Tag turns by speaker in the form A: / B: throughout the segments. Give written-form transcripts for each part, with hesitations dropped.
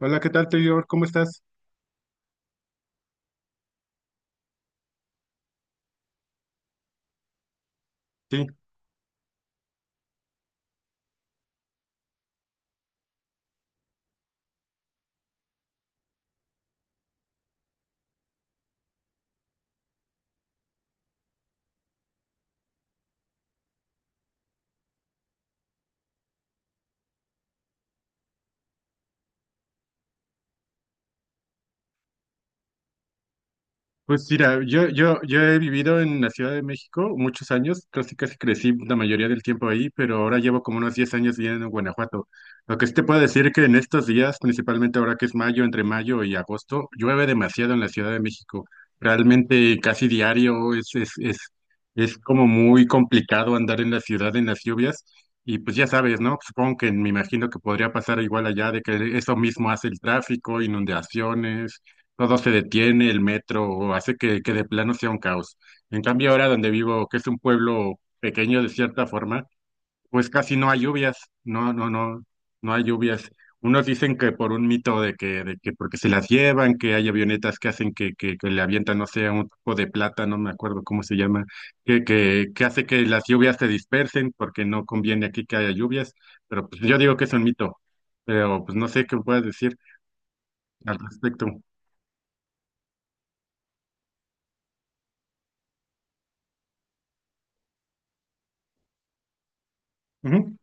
A: Hola, ¿qué tal, Taylor? ¿Cómo estás? Sí, pues mira, yo he vivido en la Ciudad de México muchos años, casi casi crecí la mayoría del tiempo ahí, pero ahora llevo como unos 10 años viviendo en Guanajuato. Lo que sí te puedo decir que en estos días, principalmente ahora que es mayo, entre mayo y agosto, llueve demasiado en la Ciudad de México. Realmente casi diario es como muy complicado andar en la ciudad en las lluvias. Y pues ya sabes, ¿no? Supongo que me imagino que podría pasar igual allá de que eso mismo hace el tráfico, inundaciones, todo se detiene, el metro o hace que de plano sea un caos. En cambio, ahora donde vivo, que es un pueblo pequeño de cierta forma, pues casi no hay lluvias, no, no, no, no hay lluvias. Unos dicen que por un mito de que porque se las llevan, que hay avionetas que hacen que le avientan, no sé, un tipo de plata, no me acuerdo cómo se llama, que hace que las lluvias se dispersen porque no conviene aquí que haya lluvias, pero pues yo digo que es un mito, pero pues no sé qué puedes decir al respecto. Ujú.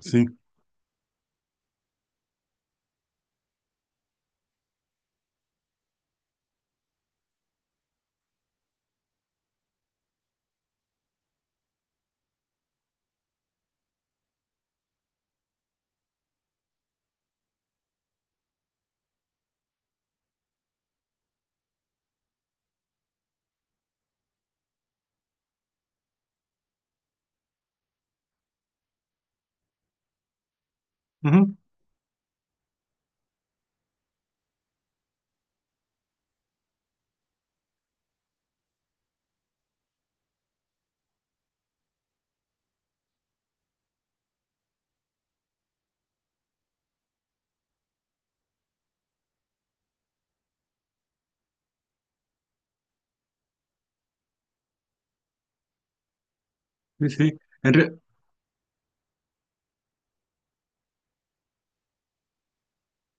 A: Sí. Ujú. Sí, sí. En, re-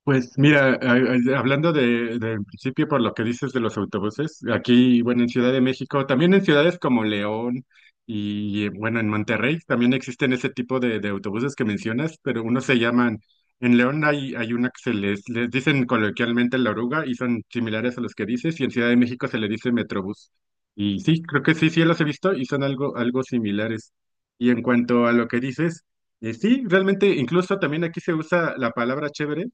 A: Pues mira, hablando del principio por lo que dices de los autobuses, aquí, bueno, en Ciudad de México, también en ciudades como León y, bueno, en Monterrey también existen ese tipo de autobuses que mencionas, pero unos se en León hay, hay una que se les dicen coloquialmente la oruga y son similares a los que dices, y en Ciudad de México se le dice Metrobús. Y sí, creo que sí, sí los he visto y son algo, algo similares. Y en cuanto a lo que dices, sí, realmente incluso también aquí se usa la palabra chévere,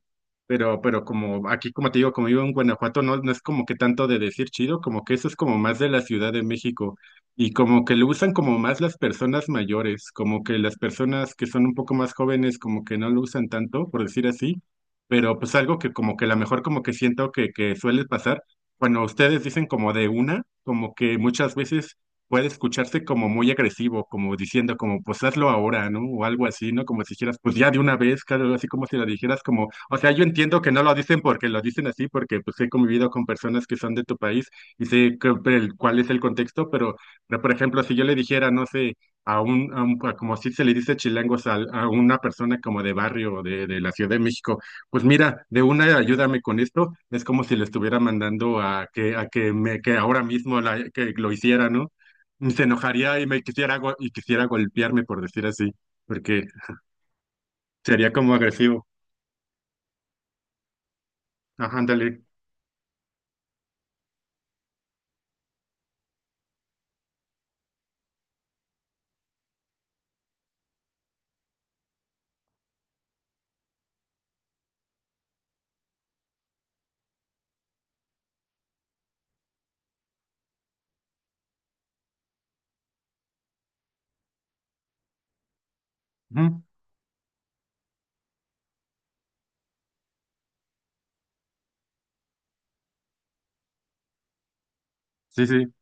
A: pero como aquí, como te digo, como vivo en Guanajuato, no, no es como que tanto de decir chido, como que eso es como más de la Ciudad de México y como que lo usan como más las personas mayores, como que las personas que son un poco más jóvenes como que no lo usan tanto, por decir así, pero pues algo que como que a lo mejor como que siento que suele pasar, cuando ustedes dicen como de una, como que muchas veces puede escucharse como muy agresivo, como diciendo como pues hazlo ahora, ¿no? O algo así, ¿no? Como si dijeras pues ya de una vez, claro, así como si lo dijeras como, o sea, yo entiendo que no lo dicen porque lo dicen así, porque pues he convivido con personas que son de tu país y sé que- el- cuál es el contexto, pero por ejemplo, si yo le dijera, no sé, a como si se le dice chilangos a una persona como de barrio o de la Ciudad de México, pues mira, de una ayúdame con esto, es como si le estuviera mandando a que me, que ahora mismo que lo hiciera, ¿no? Se enojaría y me quisiera, go- y quisiera golpearme, por decir así, porque sería como agresivo. Ajá, ándale. Ujú. Sí, sí.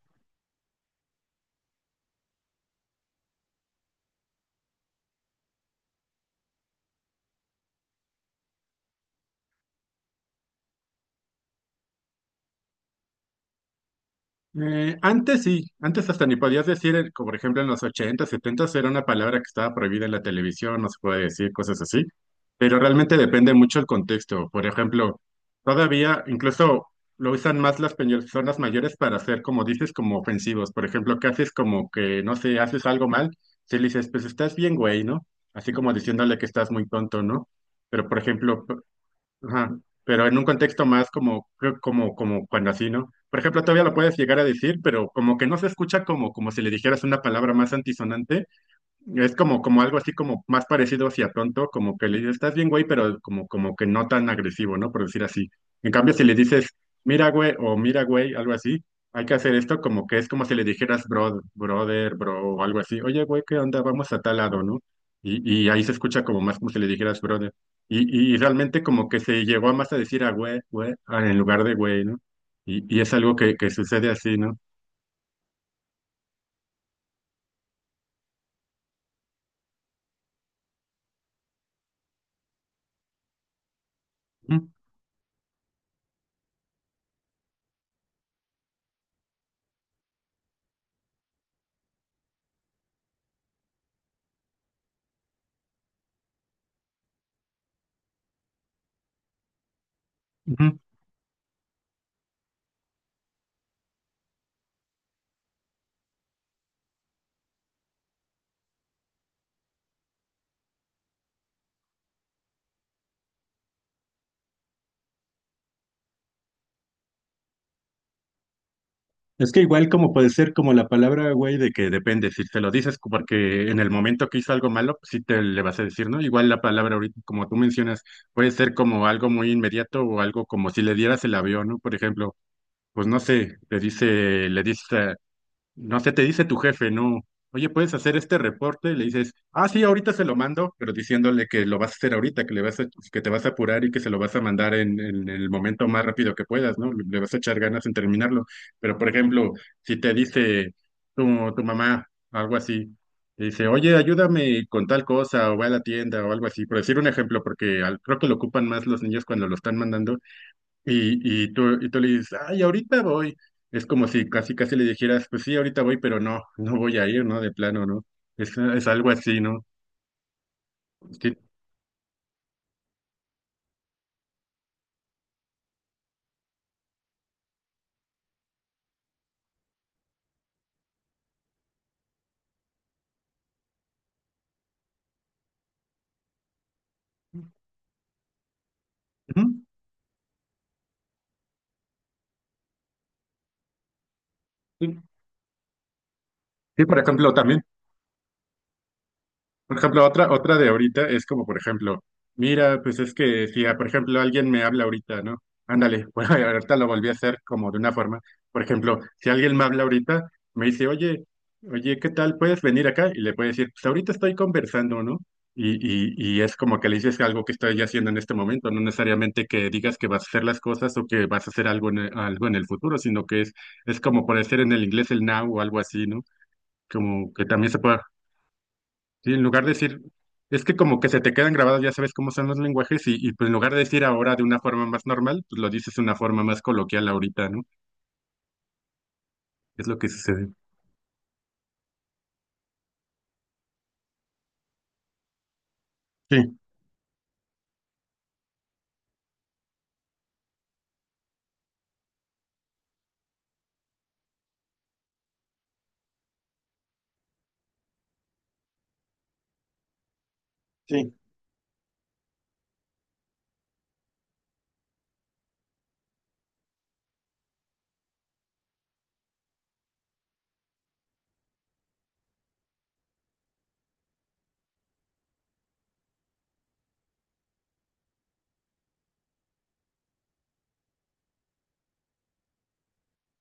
A: Antes sí, antes hasta ni podías decir, como por ejemplo en los 80, 70 era una palabra que estaba prohibida en la televisión, no se puede decir cosas así, pero realmente depende mucho el contexto. Por ejemplo, todavía incluso lo usan más las personas mayores para hacer, como dices, como ofensivos. Por ejemplo, que haces como que, no sé, haces algo mal, si le dices, pues estás bien, güey, ¿no? Así como diciéndole que estás muy tonto, ¿no? Pero por ejemplo, ajá, pero en un contexto más como, creo- como, como cuando así, ¿no? Por ejemplo, todavía lo puedes llegar a decir, pero como que no se escucha como, como si le dijeras una palabra más antisonante, es como, como algo así como más parecido hacia tonto, como que le dices, estás bien, güey, pero como, como que no tan agresivo, ¿no? Por decir así. En cambio, si le dices, mira, güey, o mira, güey, algo así, hay que hacer esto como que es como si le dijeras, bro, brother, bro, o algo así. Oye, güey, ¿qué onda? Vamos a tal lado, ¿no? Y ahí se escucha como más como si le dijeras, brother. Y realmente como que se llegó a más a decir a güey, güey, en lugar de güey, ¿no? Y es algo que sucede así, ¿no? Ujú, ujú. Es que igual como puede ser como la palabra, güey, de que depende, si te lo dices porque en el momento que hizo algo malo, pues sí te le vas a decir, ¿no? Igual la palabra ahorita, como tú mencionas, puede ser como algo muy inmediato o algo como si le dieras el avión, ¿no? Por ejemplo, pues no sé, le le dices, no sé, te dice tu jefe, no, oye, ¿puedes hacer este reporte? Le dices, ah, sí, ahorita se lo mando, pero diciéndole que lo vas a hacer ahorita, que le vas a, que te vas a apurar y que se lo vas a mandar en el momento más rápido que puedas, ¿no? Le le vas a echar ganas en terminarlo. Pero, por ejemplo, si te dice tu mamá algo así, te dice, oye, ayúdame con tal cosa, o ve a la tienda, o algo así, por decir un ejemplo, porque creo que lo ocupan más los niños cuando lo están mandando y tú le dices, ay, ahorita voy. Es como si casi casi le dijeras, pues sí, ahorita voy, pero no, no voy a ir, ¿no? De plano, ¿no? Es algo así, ¿no? Sí. Ujú. Sí. Sí, por ejemplo, también por ejemplo, otra, otra de ahorita es como, por ejemplo, mira, pues es que si, ah, por ejemplo, alguien me habla ahorita, ¿no? Ándale, bueno, ahorita lo volví a hacer como de una forma. Por ejemplo, si alguien me habla ahorita, me dice, oye, oye, ¿qué tal? ¿Puedes venir acá? Y le puedo decir, pues ahorita estoy conversando, ¿no? Y es como que le dices algo que estoy haciendo en este momento, no necesariamente que digas que vas a hacer las cosas o que vas a hacer algo en el futuro, sino que es como por decir en el inglés el now o algo así, ¿no? Como que también se puede. Sí, en lugar de decir, es que como que se te quedan grabados, ya sabes cómo son los lenguajes, y pues en lugar de decir ahora de una forma más normal, pues lo dices de una forma más coloquial ahorita, ¿no? Es lo que sucede. Sí. Sí.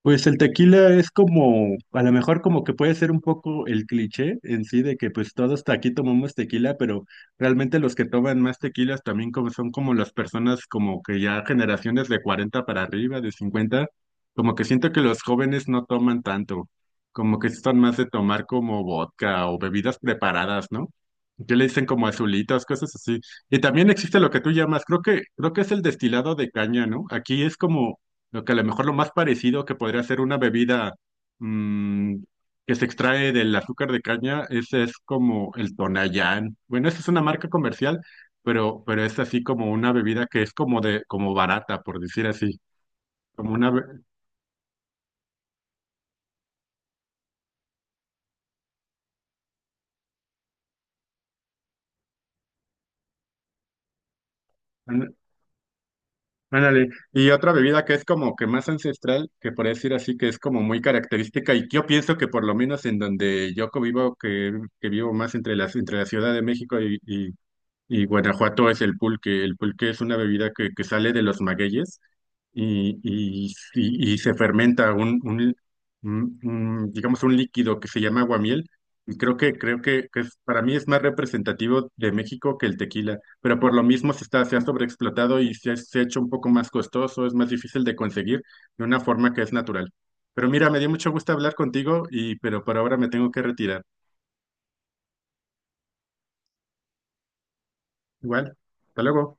A: Pues el tequila es como, a lo mejor como que puede ser un poco el cliché en sí de que pues todos hasta aquí tomamos tequila, pero realmente los que toman más tequilas también como son como las personas como que ya generaciones de 40 para arriba, de 50, como que siento que los jóvenes no toman tanto, como que están más de tomar como vodka o bebidas preparadas, ¿no? Que le dicen como azulitas, cosas así. Y también existe lo que tú llamas, creo que es el destilado de caña, ¿no? Aquí es como lo que a lo mejor lo más parecido que podría ser una bebida, mm, que se extrae del azúcar de caña, ese es como el Tonayán. Bueno, esa es una marca comercial, pero es así como una bebida que es como de, como barata, por decir así. Como una be- an- ándale. Y otra bebida que es como que más ancestral, que por decir así, que es como muy característica, y que yo pienso que por lo menos en donde yo vivo, que vivo más entre entre la Ciudad de México y Guanajuato, es el pulque. El pulque es una bebida que sale de los magueyes y se fermenta un, digamos, un líquido que se llama aguamiel. Y creo que es- para mí es más representativo de México que el tequila, pero por lo mismo se está, se ha sobreexplotado y se, se ha hecho un poco más costoso, es más difícil de conseguir de una forma que es natural. Pero mira, me dio mucho gusto hablar contigo y pero por ahora me tengo que retirar. Igual, hasta luego.